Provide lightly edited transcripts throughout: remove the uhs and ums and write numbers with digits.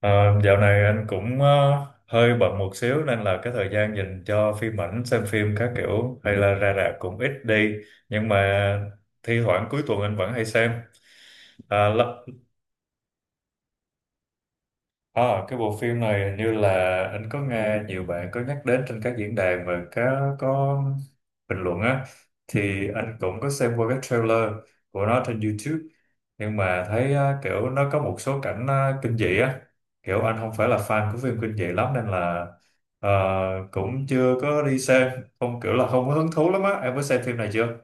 Ờ, Dạo này anh cũng hơi bận một xíu nên là cái thời gian dành cho phim ảnh xem phim các kiểu hay là ra rạp cũng ít đi, nhưng mà thi thoảng cuối tuần anh vẫn hay xem. À, Ờ, cái bộ phim này hình như là anh có nghe nhiều bạn có nhắc đến trên các diễn đàn và có bình luận á, thì anh cũng có xem qua cái trailer của nó trên YouTube, nhưng mà thấy á, kiểu nó có một số cảnh á, kinh dị á, kiểu anh không phải là fan của phim kinh dị lắm nên là ờ, cũng chưa có đi xem, không kiểu là không có hứng thú lắm á, em có xem phim này chưa?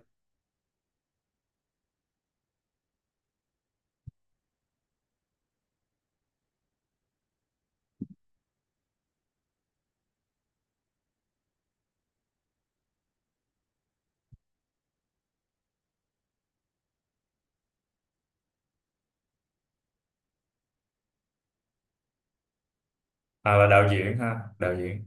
À là đạo diễn ha, đạo diễn.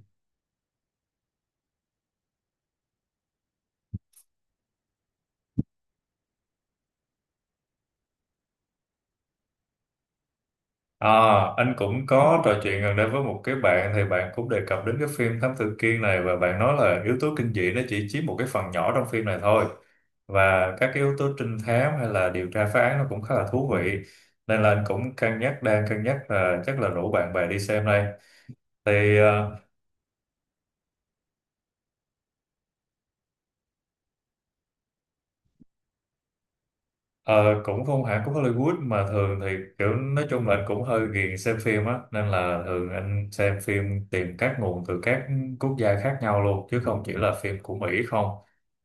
À, anh cũng có trò chuyện gần đây với một cái bạn thì bạn cũng đề cập đến cái phim Thám Tử Kiên này và bạn nói là yếu tố kinh dị nó chỉ chiếm một cái phần nhỏ trong phim này thôi, và các cái yếu tố trinh thám hay là điều tra phá án nó cũng khá là thú vị, nên là anh cũng cân nhắc, đang cân nhắc là chắc là rủ bạn bè đi xem đây thì Ờ, cũng không hẳn, cũng Hollywood mà thường thì kiểu nói chung là anh cũng hơi ghiền xem phim á, nên là thường anh xem phim tìm các nguồn từ các quốc gia khác nhau luôn chứ không chỉ là phim của Mỹ không,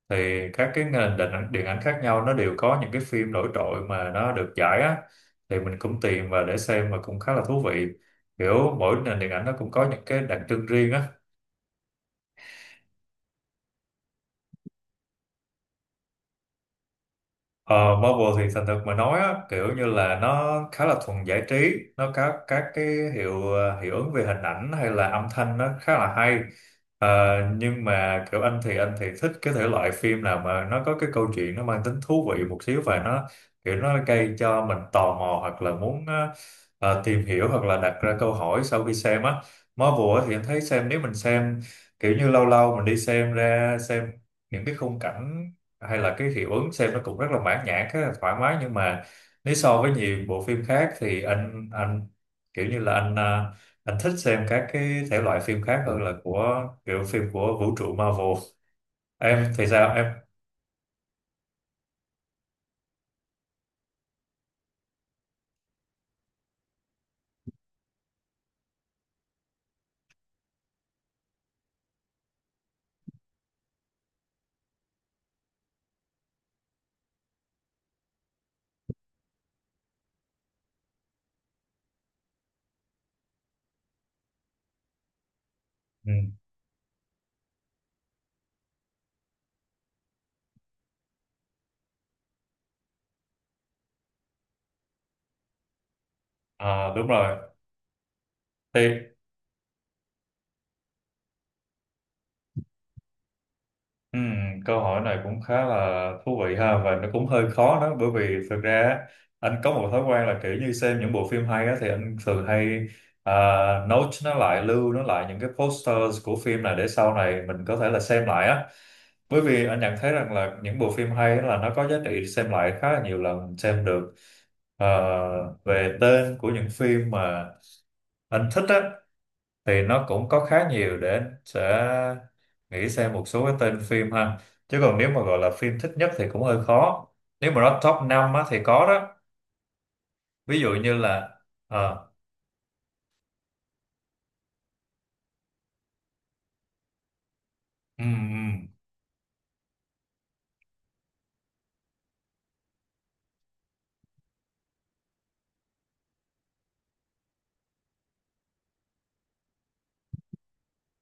thì các cái nền điện ảnh khác nhau nó đều có những cái phim nổi trội mà nó được giải á, thì mình cũng tìm và để xem mà cũng khá là thú vị, kiểu mỗi nền điện ảnh nó cũng có những cái đặc trưng riêng á. Ờ, Marvel thì thành thật mà nói á, kiểu như là nó khá là thuần giải trí, nó có các cái hiệu ứng về hình ảnh hay là âm thanh nó khá là hay. Ờ, nhưng mà kiểu anh thì thích cái thể loại phim nào mà nó có cái câu chuyện nó mang tính thú vị một xíu và nó kiểu nó gây cho mình tò mò hoặc là muốn tìm hiểu hoặc là đặt ra câu hỏi sau khi xem á. Marvel á thì anh thấy xem nếu mình xem kiểu như lâu lâu mình đi xem ra xem những cái khung cảnh hay là cái hiệu ứng xem nó cũng rất là mãn nhãn rất là thoải mái, nhưng mà nếu so với nhiều bộ phim khác thì anh kiểu như là anh thích xem các cái thể loại phim khác hơn là của kiểu phim của vũ trụ Marvel. Em thì sao em? Ừ. À, đúng rồi. Ừ, câu hỏi này cũng khá là thú vị ha, và nó cũng hơi khó đó, bởi vì thực ra á, anh có một thói quen là kiểu như xem những bộ phim hay á, thì anh thường hay à, note nó lại, lưu nó lại những cái posters của phim này để sau này mình có thể là xem lại á, bởi vì anh nhận thấy rằng là những bộ phim hay á là nó có giá trị xem lại khá là nhiều lần mình xem được. Ờ, về tên của những phim mà anh thích á thì nó cũng có khá nhiều để anh sẽ nghĩ xem một số cái tên phim ha, chứ còn nếu mà gọi là phim thích nhất thì cũng hơi khó, nếu mà nó top 5 á, thì có đó, ví dụ như là ờ, ừ, ừ,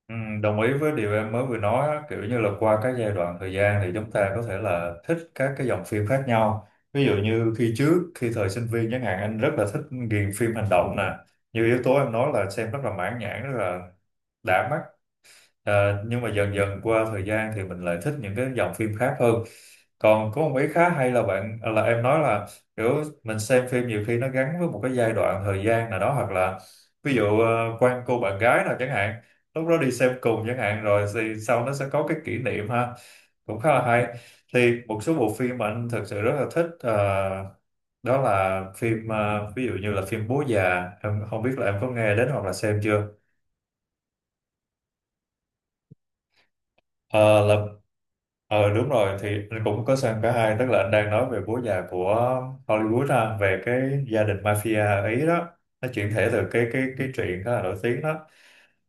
ừ, đồng ý với điều em mới vừa nói á, kiểu như là qua các giai đoạn thời gian thì chúng ta có thể là thích các cái dòng phim khác nhau, ví dụ như khi trước khi thời sinh viên chẳng hạn anh rất là thích, ghiền phim hành động nè, như yếu tố em nói là xem rất là mãn nhãn rất là đã mắt. Ờ, nhưng mà dần dần qua thời gian thì mình lại thích những cái dòng phim khác hơn. Còn có một ý khá hay là bạn à, là em nói là kiểu mình xem phim nhiều khi nó gắn với một cái giai đoạn thời gian nào đó, hoặc là ví dụ quen cô bạn gái nào chẳng hạn lúc đó đi xem cùng chẳng hạn, rồi thì sau nó sẽ có cái kỷ niệm ha, cũng khá là hay. Thì một số bộ phim mà anh thật sự rất là thích ờ, đó là phim ờ, ví dụ như là phim Bố Già, em không biết là em có nghe đến hoặc là xem chưa? Ờ, là ờ đúng rồi, thì anh cũng có sang cả hai, tức là anh đang nói về Bố Già của Hollywood ha, về cái gia đình mafia ở Ý đó, nó chuyển thể từ cái truyện khá là nổi tiếng đó,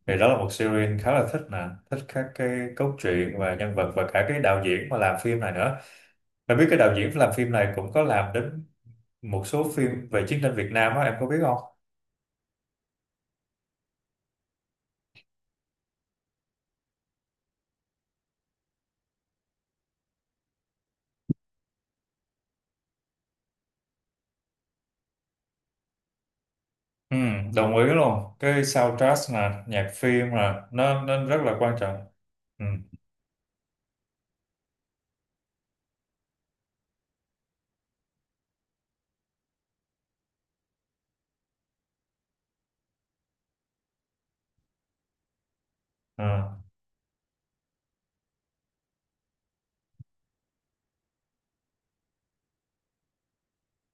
thì đó là một series khá là thích nè, thích các cái cốt truyện và nhân vật và cả cái đạo diễn mà làm phim này nữa. Em biết cái đạo diễn làm phim này cũng có làm đến một số phim về chiến tranh Việt Nam á, em có biết không? Ừ, đồng ý luôn, cái soundtrack nè, nhạc phim nè, nó rất là quan trọng. Ừ. Ừ.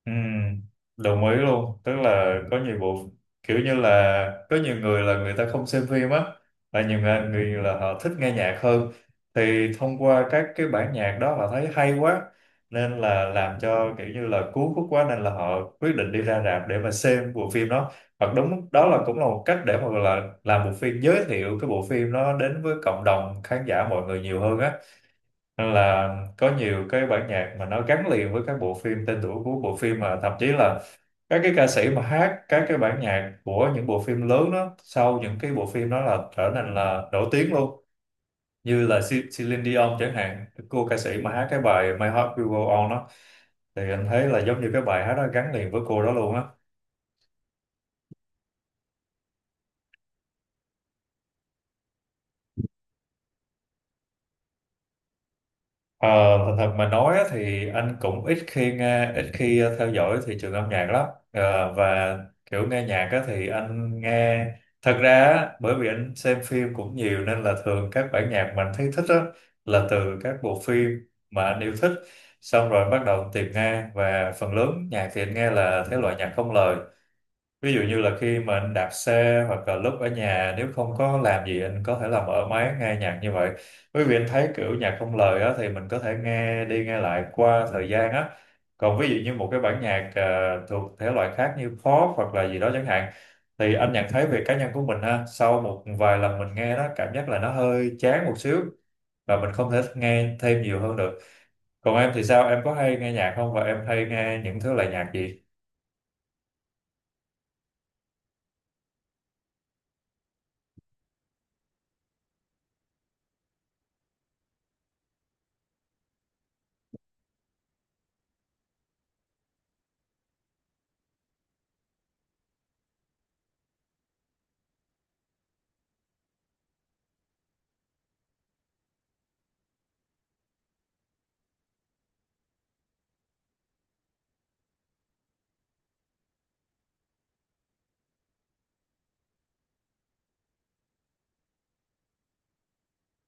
Ừ, đồng ý luôn, tức là có nhiều bộ, kiểu như là có nhiều người là người ta không xem phim á, là nhiều người là họ thích nghe nhạc hơn, thì thông qua các cái bản nhạc đó họ thấy hay quá, nên là làm cho kiểu như là cuốn hút quá nên là họ quyết định đi ra rạp để mà xem bộ phim đó, hoặc đúng đó là cũng là một cách để mà gọi là làm bộ phim, giới thiệu cái bộ phim đó đến với cộng đồng khán giả mọi người nhiều hơn á, nên là có nhiều cái bản nhạc mà nó gắn liền với các bộ phim, tên tuổi của bộ phim, mà thậm chí là các cái ca sĩ mà hát các cái bản nhạc của những bộ phim lớn đó, sau những cái bộ phim đó là trở nên là nổi tiếng luôn, như là Celine Dion chẳng hạn, cô ca sĩ mà hát cái bài My Heart Will Go On đó, thì anh thấy là giống như cái bài hát đó gắn liền với cô đó luôn á. Ờ, thật thật mà nói á, thì anh cũng ít khi nghe, ít khi theo dõi thị trường âm nhạc lắm. Ờ, và kiểu nghe nhạc á, thì anh nghe, thật ra á, bởi vì anh xem phim cũng nhiều nên là thường các bản nhạc mà anh thấy thích á, là từ các bộ phim mà anh yêu thích, xong rồi bắt đầu tìm nghe, và phần lớn nhạc thì anh nghe là thể loại nhạc không lời. Ví dụ như là khi mà anh đạp xe hoặc là lúc ở nhà nếu không có làm gì anh có thể là mở máy nghe nhạc như vậy. Bởi vì anh thấy kiểu nhạc không lời á, thì mình có thể nghe đi nghe lại qua thời gian á. Còn ví dụ như một cái bản nhạc à, thuộc thể loại khác như pop hoặc là gì đó chẳng hạn, thì anh nhận thấy về cá nhân của mình ha, sau một vài lần mình nghe đó cảm giác là nó hơi chán một xíu, và mình không thể nghe thêm nhiều hơn được. Còn em thì sao? Em có hay nghe nhạc không và em hay nghe những thứ loại nhạc gì?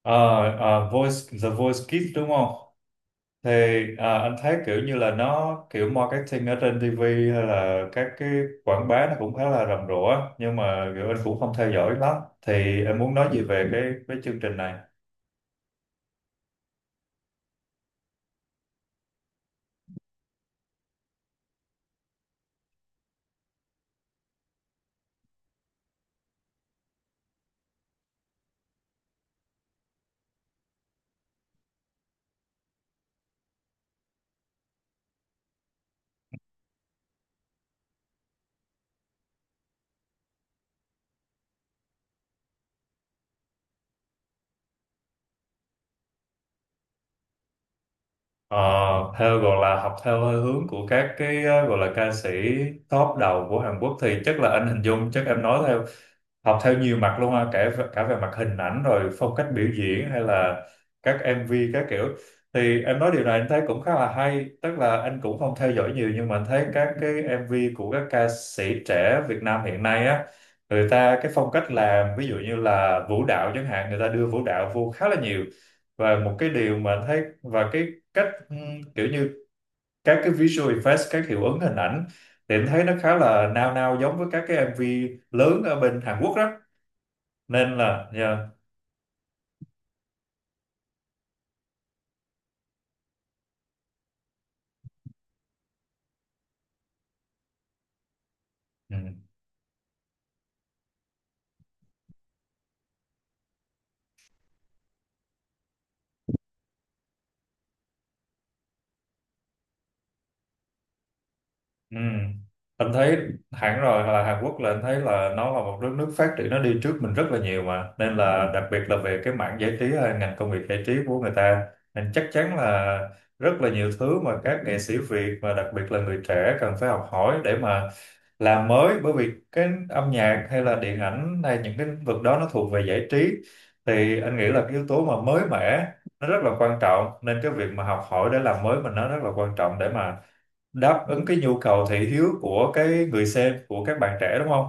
Ờ, Voice, The Voice Kids đúng không? Thì à, anh thấy kiểu như là nó kiểu marketing ở trên TV hay là các cái quảng bá nó cũng khá là rầm rộ á, nhưng mà kiểu anh cũng không theo dõi lắm, thì em muốn nói gì về cái chương trình này? Ờ, theo gọi là học theo hơi hướng của các cái ờ, gọi là ca sĩ top đầu của Hàn Quốc, thì chắc là anh hình dung chắc em nói theo, học theo nhiều mặt luôn ha, kể cả cả về mặt hình ảnh rồi phong cách biểu diễn hay là các MV các kiểu, thì em nói điều này anh thấy cũng khá là hay, tức là anh cũng không theo dõi nhiều nhưng mà anh thấy các cái MV của các ca sĩ trẻ Việt Nam hiện nay á, người ta cái phong cách làm ví dụ như là vũ đạo chẳng hạn, người ta đưa vũ đạo vô khá là nhiều, và một cái điều mà anh thấy và cái cách kiểu như các cái visual effects, các hiệu ứng hình ảnh, thì em thấy nó khá là nao nao giống với các cái MV lớn ở bên Hàn Quốc đó, nên là yeah. Ừ. Ừ. Anh thấy hẳn rồi, là Hàn Quốc là anh thấy là nó là một đất nước phát triển, nó đi trước mình rất là nhiều mà, nên là đặc biệt là về cái mảng giải trí hay ngành công nghiệp giải trí của người ta, nên chắc chắn là rất là nhiều thứ mà các nghệ sĩ Việt và đặc biệt là người trẻ cần phải học hỏi để mà làm mới, bởi vì cái âm nhạc hay là điện ảnh hay những cái lĩnh vực đó nó thuộc về giải trí, thì anh nghĩ là cái yếu tố mà mới mẻ nó rất là quan trọng, nên cái việc mà học hỏi để làm mới mình nó rất là quan trọng để mà đáp ứng cái nhu cầu thị hiếu của cái người xem của các bạn trẻ đúng không?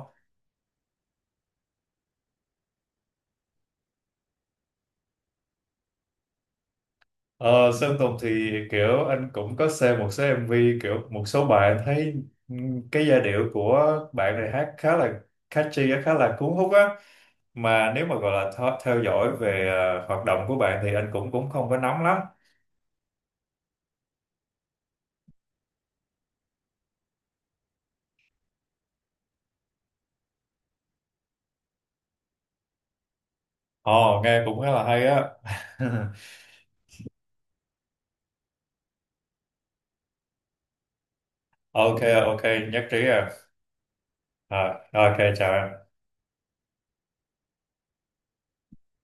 Ờ, Sơn Tùng thì kiểu anh cũng có xem một số MV, kiểu một số bạn thấy cái giai điệu của bạn này hát khá là catchy á, khá là cuốn hút á, mà nếu mà gọi là theo dõi về hoạt động của bạn thì anh cũng cũng không có nắm lắm. Ồ nghe cũng khá là hay á. Ok, ok, nhất trí à. À, ok chào em.